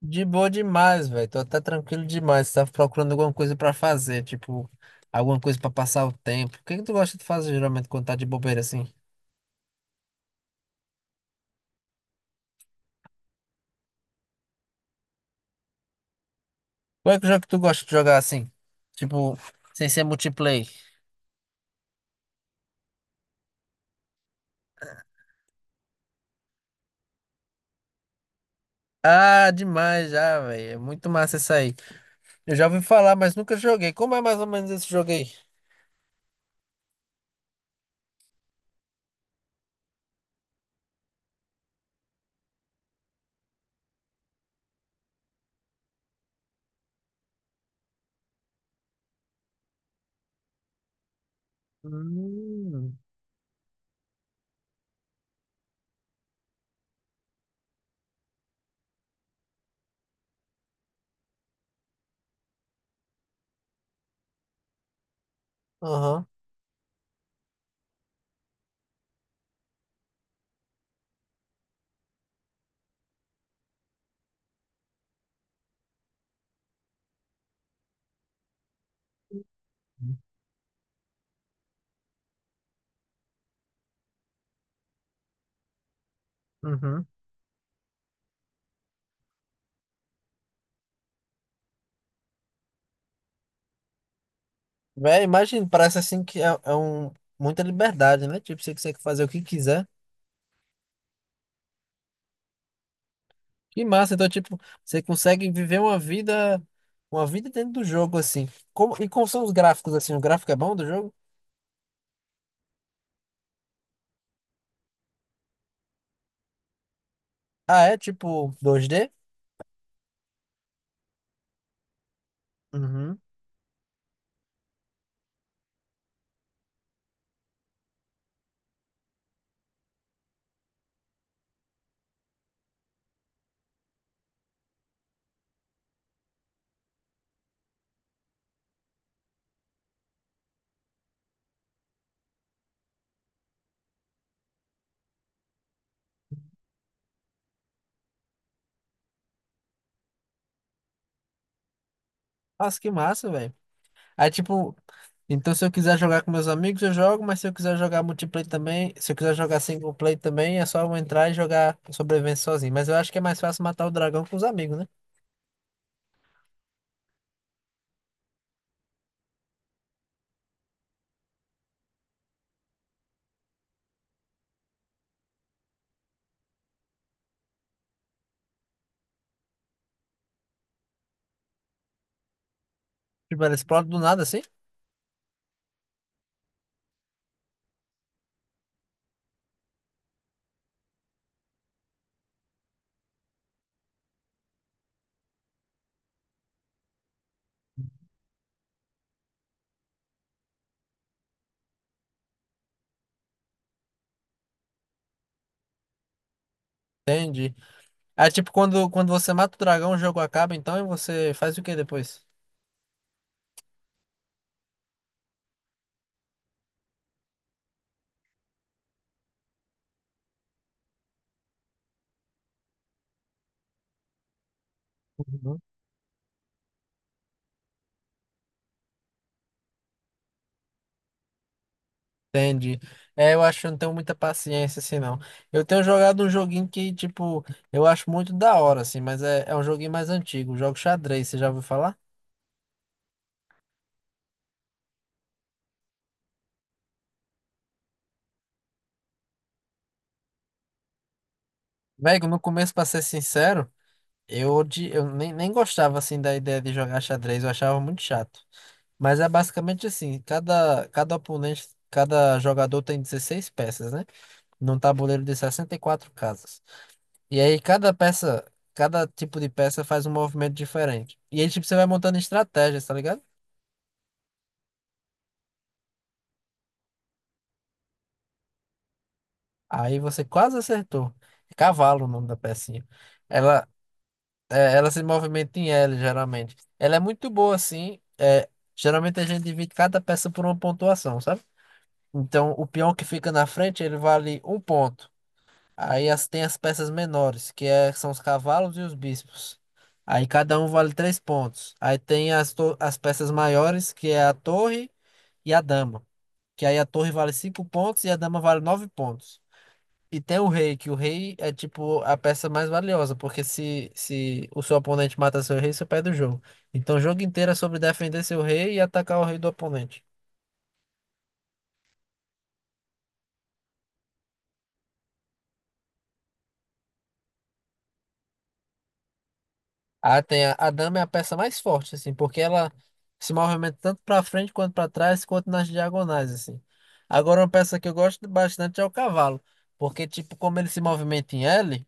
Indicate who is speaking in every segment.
Speaker 1: De boa demais, velho. Tô até tranquilo demais. Tava procurando alguma coisa pra fazer, tipo, alguma coisa pra passar o tempo. O que que tu gosta de fazer geralmente quando tá de bobeira assim? Qual é que jogo que tu gosta de jogar assim? Tipo, sem ser multiplayer. Ah, demais já, velho. É muito massa isso aí. Eu já ouvi falar, mas nunca joguei. Como é mais ou menos esse jogo aí? Hum. Aham. Uhum. Véi, imagina, parece assim que é um muita liberdade, né? Tipo, você consegue fazer o que quiser. Que massa, então, tipo, você consegue viver uma vida dentro do jogo, assim. Como, e como são os gráficos, assim? O gráfico é bom do jogo? Ah, é tipo 2D. Uhum. Nossa, que massa, velho. Aí, tipo, então se eu quiser jogar com meus amigos, eu jogo, mas se eu quiser jogar multiplayer também, se eu quiser jogar single player também, é só eu entrar e jogar sobrevivência sozinho. Mas eu acho que é mais fácil matar o dragão com os amigos, né? Tipo, ele explode do nada, assim? Entendi. Aí, tipo, quando, quando você mata o dragão, o jogo acaba, então, e você faz o que depois? Entendi. É, eu acho que eu não tenho muita paciência, assim, não. Eu tenho jogado um joguinho que, tipo, eu acho muito da hora, assim, mas é um joguinho mais antigo, jogo xadrez, você já ouviu falar? Velho, no começo, pra ser sincero, eu, eu nem gostava, assim, da ideia de jogar xadrez, eu achava muito chato. Mas é basicamente assim, cada oponente, cada jogador tem 16 peças, né? Num tabuleiro de 64 casas. E aí cada peça, cada tipo de peça faz um movimento diferente. E aí, tipo, você vai montando estratégias, tá ligado? Aí você quase acertou. É Cavalo o nome da pecinha. Ela, é, ela se movimenta em L, geralmente. Ela é muito boa, assim. É, geralmente a gente divide cada peça por uma pontuação, sabe? Então, o peão que fica na frente, ele vale 1 ponto. Aí as, tem as peças menores, que é, são os cavalos e os bispos. Aí cada um vale 3 pontos. Aí tem as, as peças maiores, que é a torre e a dama. Que aí a torre vale 5 pontos e a dama vale 9 pontos. E tem o rei, que o rei é tipo a peça mais valiosa, porque se o seu oponente mata seu rei, você perde o jogo. Então o jogo inteiro é sobre defender seu rei e atacar o rei do oponente. Ah, tem a dama é a peça mais forte, assim, porque ela se movimenta tanto pra frente quanto pra trás, quanto nas diagonais, assim. Agora uma peça que eu gosto bastante é o cavalo, porque tipo, como ele se movimenta em L,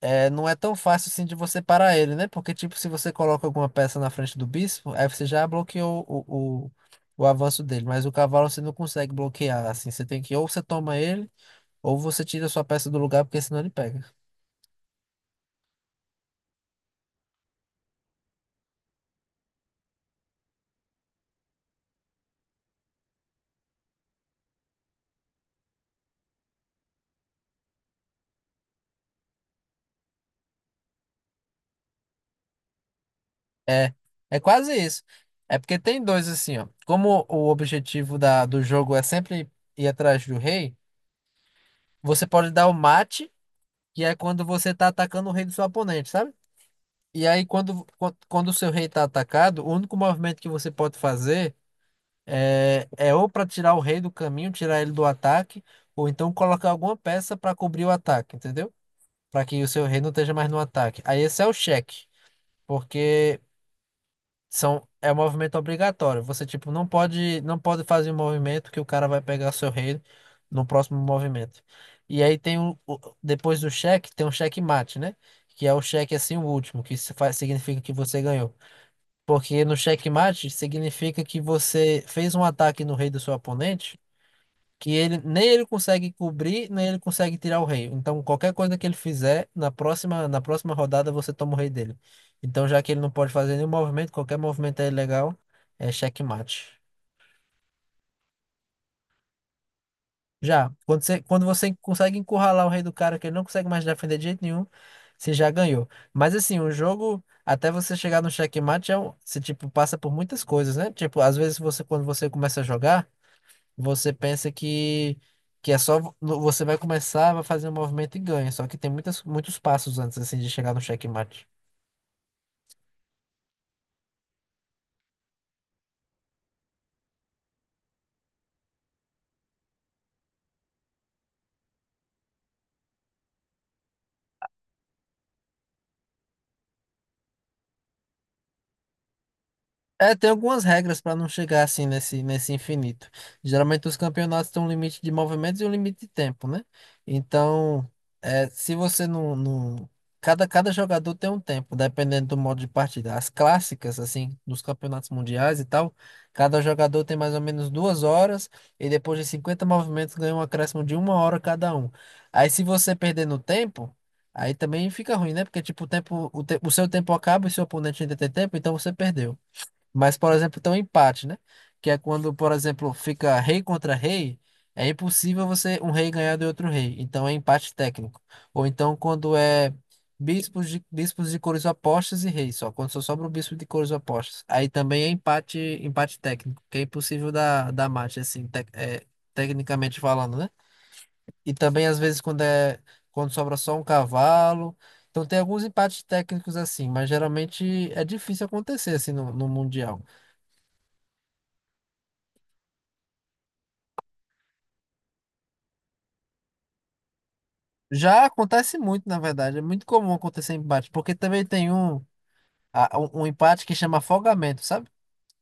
Speaker 1: é, não é tão fácil assim de você parar ele, né? Porque, tipo, se você coloca alguma peça na frente do bispo, aí você já bloqueou o avanço dele. Mas o cavalo você não consegue bloquear, assim. Você tem que, ou você toma ele, ou você tira a sua peça do lugar, porque senão ele pega. É, é quase isso. É porque tem dois assim, ó. Como o objetivo do jogo é sempre ir atrás do rei, você pode dar o mate, que é quando você tá atacando o rei do seu oponente, sabe? E aí, quando, quando o seu rei tá atacado, o único movimento que você pode fazer é ou para tirar o rei do caminho, tirar ele do ataque, ou então colocar alguma peça para cobrir o ataque, entendeu? Para que o seu rei não esteja mais no ataque. Aí esse é o cheque, porque são, é um movimento obrigatório. Você, tipo, não pode, não pode fazer um movimento que o cara vai pegar seu rei no próximo movimento. E aí tem depois do cheque, tem um checkmate, né? Que é o cheque assim, o último, que se faz, significa que você ganhou. Porque no checkmate significa que você fez um ataque no rei do seu oponente que ele nem ele consegue cobrir, nem ele consegue tirar o rei. Então, qualquer coisa que ele fizer, na próxima rodada você toma o rei dele. Então, já que ele não pode fazer nenhum movimento, qualquer movimento é ilegal, é checkmate. Já, quando você consegue encurralar o rei do cara que ele não consegue mais defender de jeito nenhum, você já ganhou. Mas assim, o jogo, até você chegar no checkmate, é um, você tipo passa por muitas coisas, né? Tipo, às vezes você quando você começa a jogar, você pensa que é só você vai começar, vai fazer um movimento e ganha. Só que tem muitas, muitos passos antes assim de chegar no checkmate. É, tem algumas regras para não chegar assim nesse infinito. Geralmente os campeonatos têm um limite de movimentos e um limite de tempo, né? Então, é, se você não. Cada jogador tem um tempo, dependendo do modo de partida. As clássicas, assim, dos campeonatos mundiais e tal, cada jogador tem mais ou menos 2 horas e depois de 50 movimentos ganha um acréscimo de 1 hora cada um. Aí se você perder no tempo... Aí também fica ruim, né? Porque, tipo, o tempo, o seu tempo acaba e seu oponente ainda tem tempo, então você perdeu. Mas, por exemplo, tem um empate, né? Que é quando, por exemplo, fica rei contra rei, é impossível você um rei ganhar de outro rei. Então é empate técnico. Ou então quando é bispos de cores opostas e reis, só quando só sobra o bispo de cores opostas. Aí também é empate, empate técnico, que é impossível dar mate, assim, é, tecnicamente falando, né? E também às vezes quando é quando sobra só um cavalo. Então tem alguns empates técnicos assim, mas geralmente é difícil acontecer assim no mundial. Já acontece muito, na verdade. É muito comum acontecer empate, porque também tem um, um empate que chama afogamento, sabe?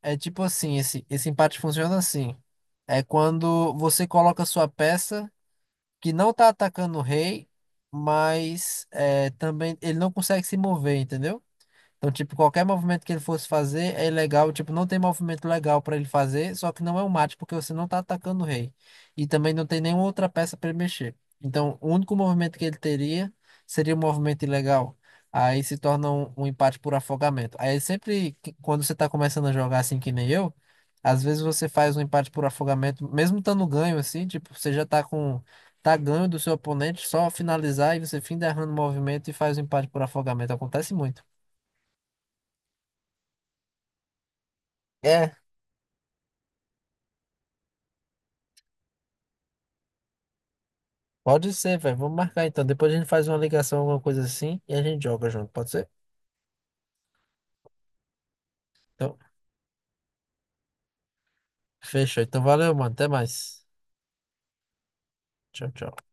Speaker 1: É tipo assim, esse empate funciona assim. É quando você coloca sua peça que não tá atacando o rei, mas é, também ele não consegue se mover, entendeu? Então, tipo, qualquer movimento que ele fosse fazer é ilegal. Tipo, não tem movimento legal pra ele fazer, só que não é um mate, porque você não tá atacando o rei. E também não tem nenhuma outra peça pra ele mexer. Então, o único movimento que ele teria seria um movimento ilegal. Aí se torna um empate por afogamento. Aí sempre, quando você tá começando a jogar assim que nem eu, às vezes você faz um empate por afogamento, mesmo estando ganho assim, tipo, você já tá com. Tá ganho do seu oponente, só finalizar e você fim derrando o movimento e faz o empate por afogamento. Acontece muito. É, pode ser, velho. Vamos marcar então. Depois a gente faz uma ligação, alguma coisa assim, e a gente joga junto, pode ser? Então, fechou. Então, valeu, mano. Até mais. Tchau, tchau.